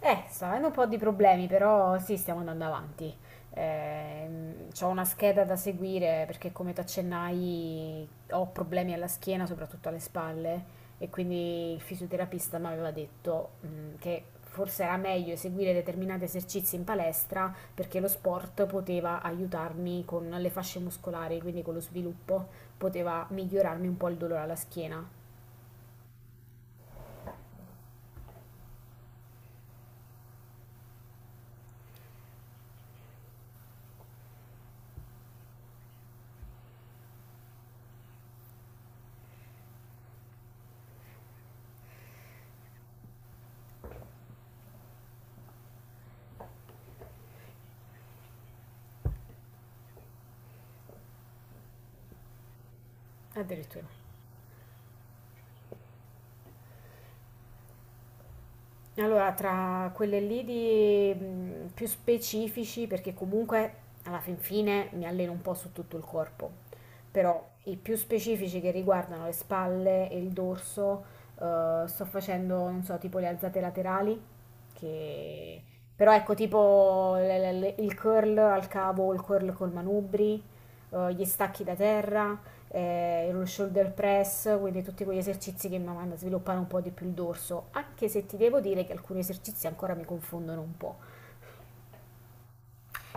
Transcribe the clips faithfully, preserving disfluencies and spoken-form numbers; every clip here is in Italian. Eh, sto avendo un po' di problemi, però sì, stiamo andando avanti. Ehm, c'ho una scheda da seguire perché, come ti accennai, ho problemi alla schiena, soprattutto alle spalle, e quindi il fisioterapista mi aveva detto, mm, che forse era meglio eseguire determinati esercizi in palestra perché lo sport poteva aiutarmi con le fasce muscolari, quindi con lo sviluppo, poteva migliorarmi un po' il dolore alla schiena. Addirittura. Allora, tra quelle lì di, mhmm, più specifici, perché comunque alla fin fine mi alleno un po' su tutto il corpo, però i più specifici che riguardano le spalle e il dorso, eh, sto facendo, non so, tipo le alzate laterali, che. Però ecco tipo le- le- le- il curl al cavo o il curl col manubri, eh, gli stacchi da terra, eh, lo shoulder press, quindi tutti quegli esercizi che mi mandano a sviluppare un po' di più il dorso, anche se ti devo dire che alcuni esercizi ancora mi confondono un po'.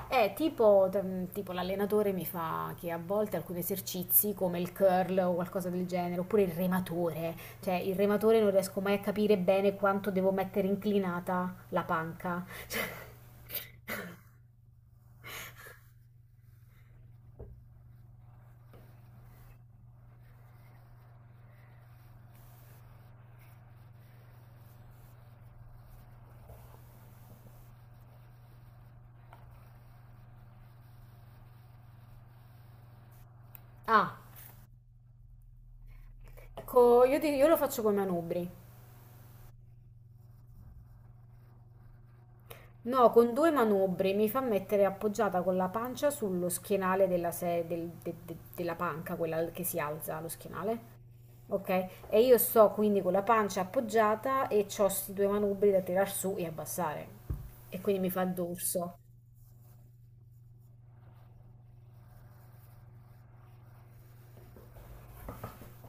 Eh, tipo, t- tipo l'allenatore mi fa che a volte alcuni esercizi come il curl o qualcosa del genere, oppure il rematore, cioè il rematore non riesco mai a capire bene quanto devo mettere inclinata la panca. Cioè, ah, ecco, io, ti- io lo faccio con manubri. No, con due manubri mi fa mettere appoggiata con la pancia sullo schienale della, se- del- de- de- della panca, quella che si alza, lo schienale. Okay, e io sto quindi con la pancia appoggiata e c'ho sti due manubri da tirar su e abbassare. E quindi mi fa il dorso.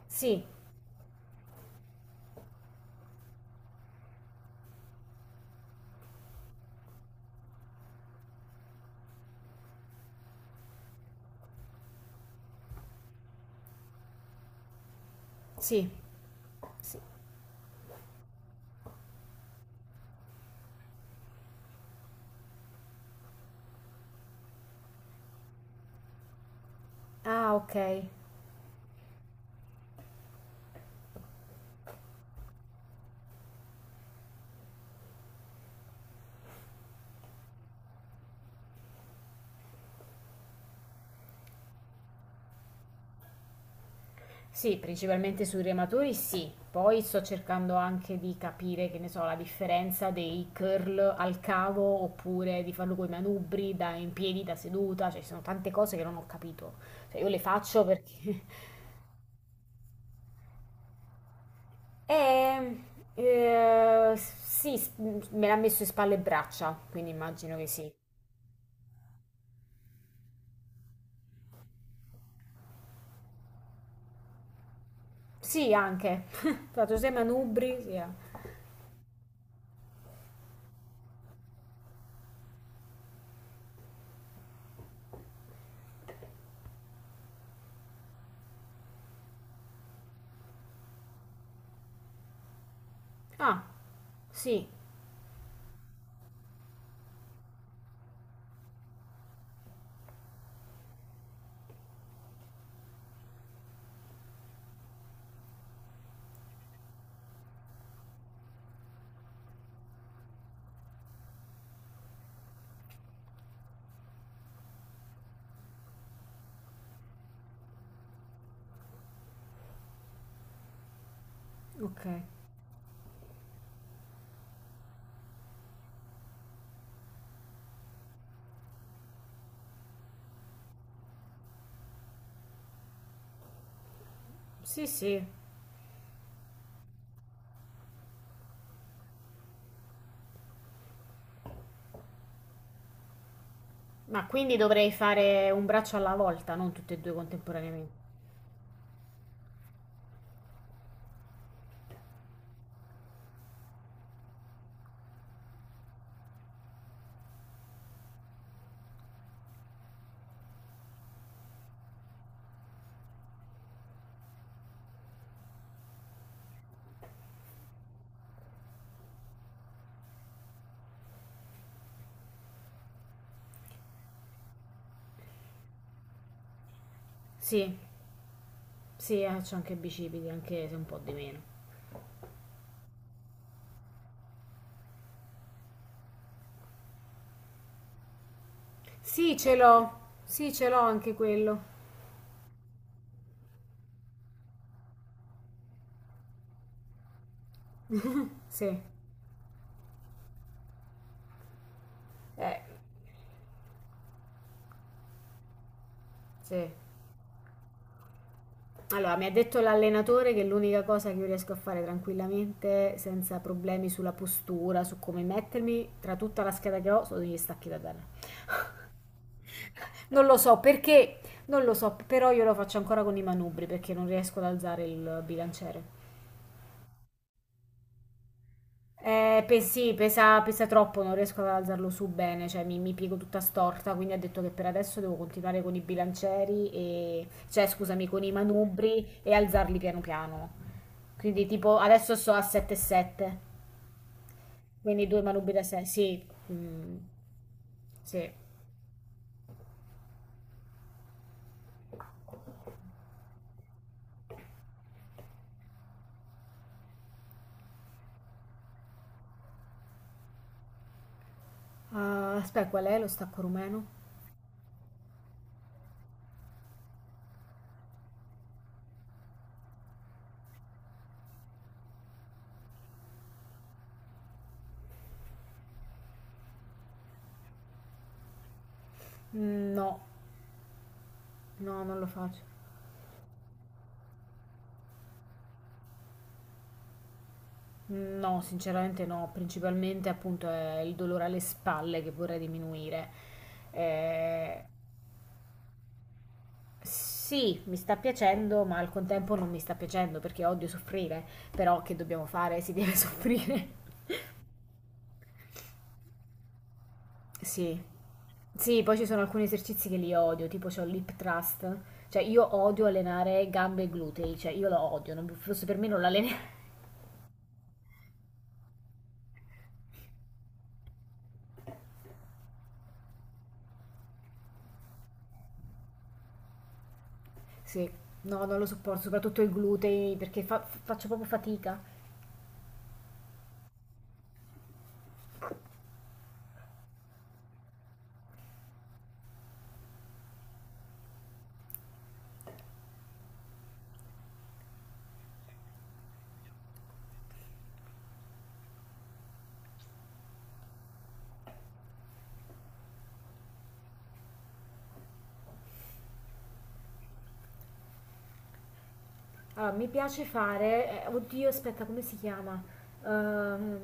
Sì, sì, sì. Ah, ok. Sì, principalmente sui rematori sì. Poi sto cercando anche di capire, che ne so, la differenza dei curl al cavo oppure di farlo con i manubri, da in piedi, da seduta, cioè ci sono tante cose che non ho capito. Cioè io le faccio perché. Eh, eh, sì, s- me l'ha messo in spalle e braccia, quindi immagino che sì. Sì, anche. Fatto seme a Nubri, sì. eh. Ah, sì, ok. Sì, sì. Ma quindi dovrei fare un braccio alla volta, non tutti e due contemporaneamente. Sì, sì, eh, c'ho anche i bicipiti, anche se un po' di meno. Sì, ce l'ho. Sì, ce l'ho anche quello. Sì. Eh, sì. Allora, mi ha detto l'allenatore che l'unica cosa che io riesco a fare tranquillamente, senza problemi sulla postura, su come mettermi, tra tutta la scheda che ho, sono gli stacchi da terra. Non lo so perché, non lo so, però io lo faccio ancora con i manubri perché non riesco ad alzare il bilanciere. Eh, pe- sì, pesa, pesa troppo, non riesco ad alzarlo su bene, cioè mi, mi piego tutta storta, quindi ha detto che per adesso devo continuare con i bilancieri e, cioè scusami, con i manubri e alzarli piano piano. Quindi tipo adesso sto a sette virgola sette, quindi due manubri da sei. Sì. Mm, sì. Ah, aspetta, qual è lo stacco rumeno? Mm, no, no, non lo faccio. Mm, no, sinceramente no, principalmente appunto è il dolore alle spalle che vorrei diminuire. Eh, sì, mi sta piacendo, ma al contempo non mi sta piacendo perché odio soffrire, però che dobbiamo fare? Si deve soffrire. Sì. Sì, poi ci sono alcuni esercizi che li odio, tipo c'ho l'hip thrust, cioè io odio allenare gambe e glutei, cioè io lo odio, non, forse per me non l'alleno. Sì, no, non lo sopporto, soprattutto il glutei perché fa- faccio proprio fatica. Allora, mi piace fare, eh, oddio, aspetta, come si chiama? Ehm,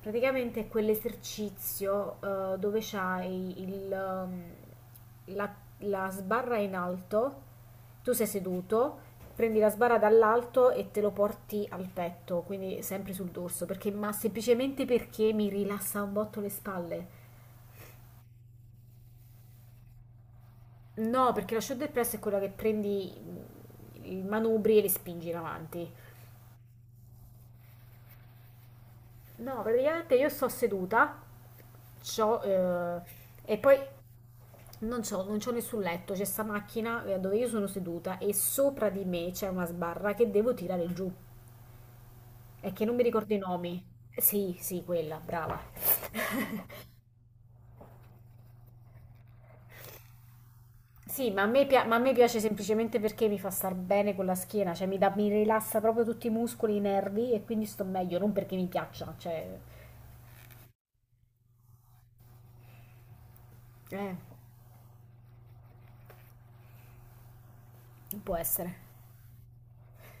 praticamente è quell'esercizio eh, dove c'hai il, ehm, la, la sbarra in alto, tu sei seduto, prendi la sbarra dall'alto e te lo porti al petto, quindi sempre sul dorso, perché, ma semplicemente perché mi rilassa un botto le spalle. No, perché la shoulder press è quella che prendi mm, i manubri e li spingi in avanti. No, praticamente io sto seduta, c'ho, eh, e poi non c'ho, non c'ho nessun letto, c'è sta macchina eh, dove io sono seduta e sopra di me c'è una sbarra che devo tirare giù. È che non mi ricordo i nomi. Sì, sì, quella, brava. Sì, ma a me, pia- ma a me piace semplicemente perché mi fa star bene con la schiena, cioè mi, dà- mi rilassa proprio tutti i muscoli, i nervi e quindi sto meglio, non perché mi piaccia, cioè, eh, può essere.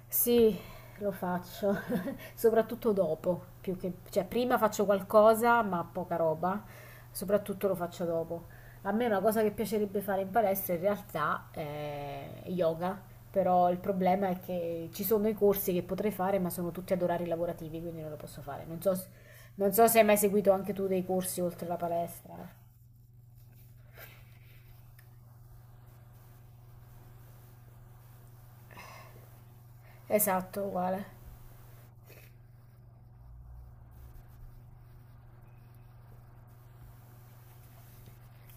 Sì, lo faccio, soprattutto dopo, più che, cioè prima faccio qualcosa, ma poca roba, soprattutto lo faccio dopo. A me una cosa che piacerebbe fare in palestra in realtà è yoga, però il problema è che ci sono i corsi che potrei fare, ma sono tutti ad orari lavorativi, quindi non lo posso fare. Non so, s- non so se hai mai seguito anche tu dei corsi oltre la palestra. Esatto, uguale.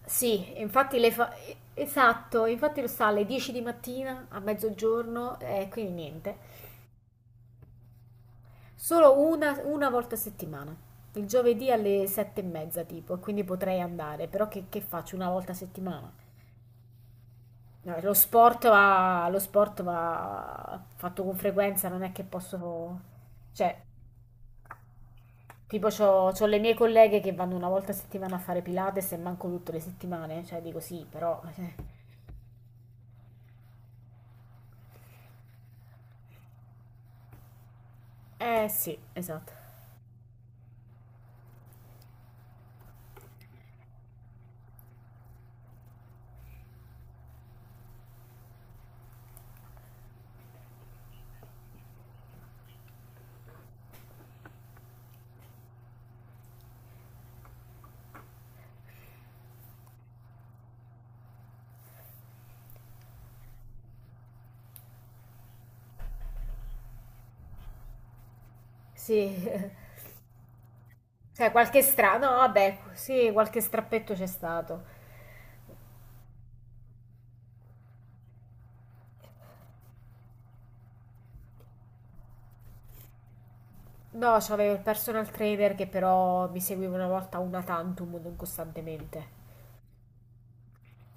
Sì, infatti le fa. Esatto, infatti lo sta alle dieci di mattina, a mezzogiorno, e quindi niente. Solo una, una volta a settimana, il giovedì alle sette e mezza tipo, e quindi potrei andare, però che, che faccio una volta a settimana? No, lo sport va, lo sport va fatto con frequenza, non è che posso. Cioè, tipo c'ho, c'ho le mie colleghe che vanno una volta a settimana a fare Pilates e manco tutte le settimane, cioè dico sì, però. Eh sì, esatto. Sì. Cioè, qualche stra. No, vabbè, sì, qualche strappetto c'è stato. No, c'avevo il personal trainer che però mi seguiva una volta una tantum, non costantemente.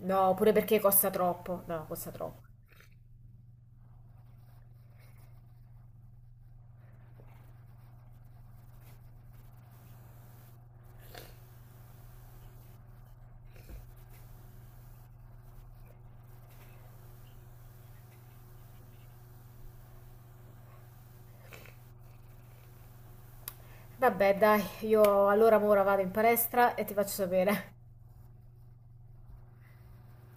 No, pure perché costa troppo. No, costa troppo. Vabbè, dai, io allora ora vado in palestra e ti faccio sapere.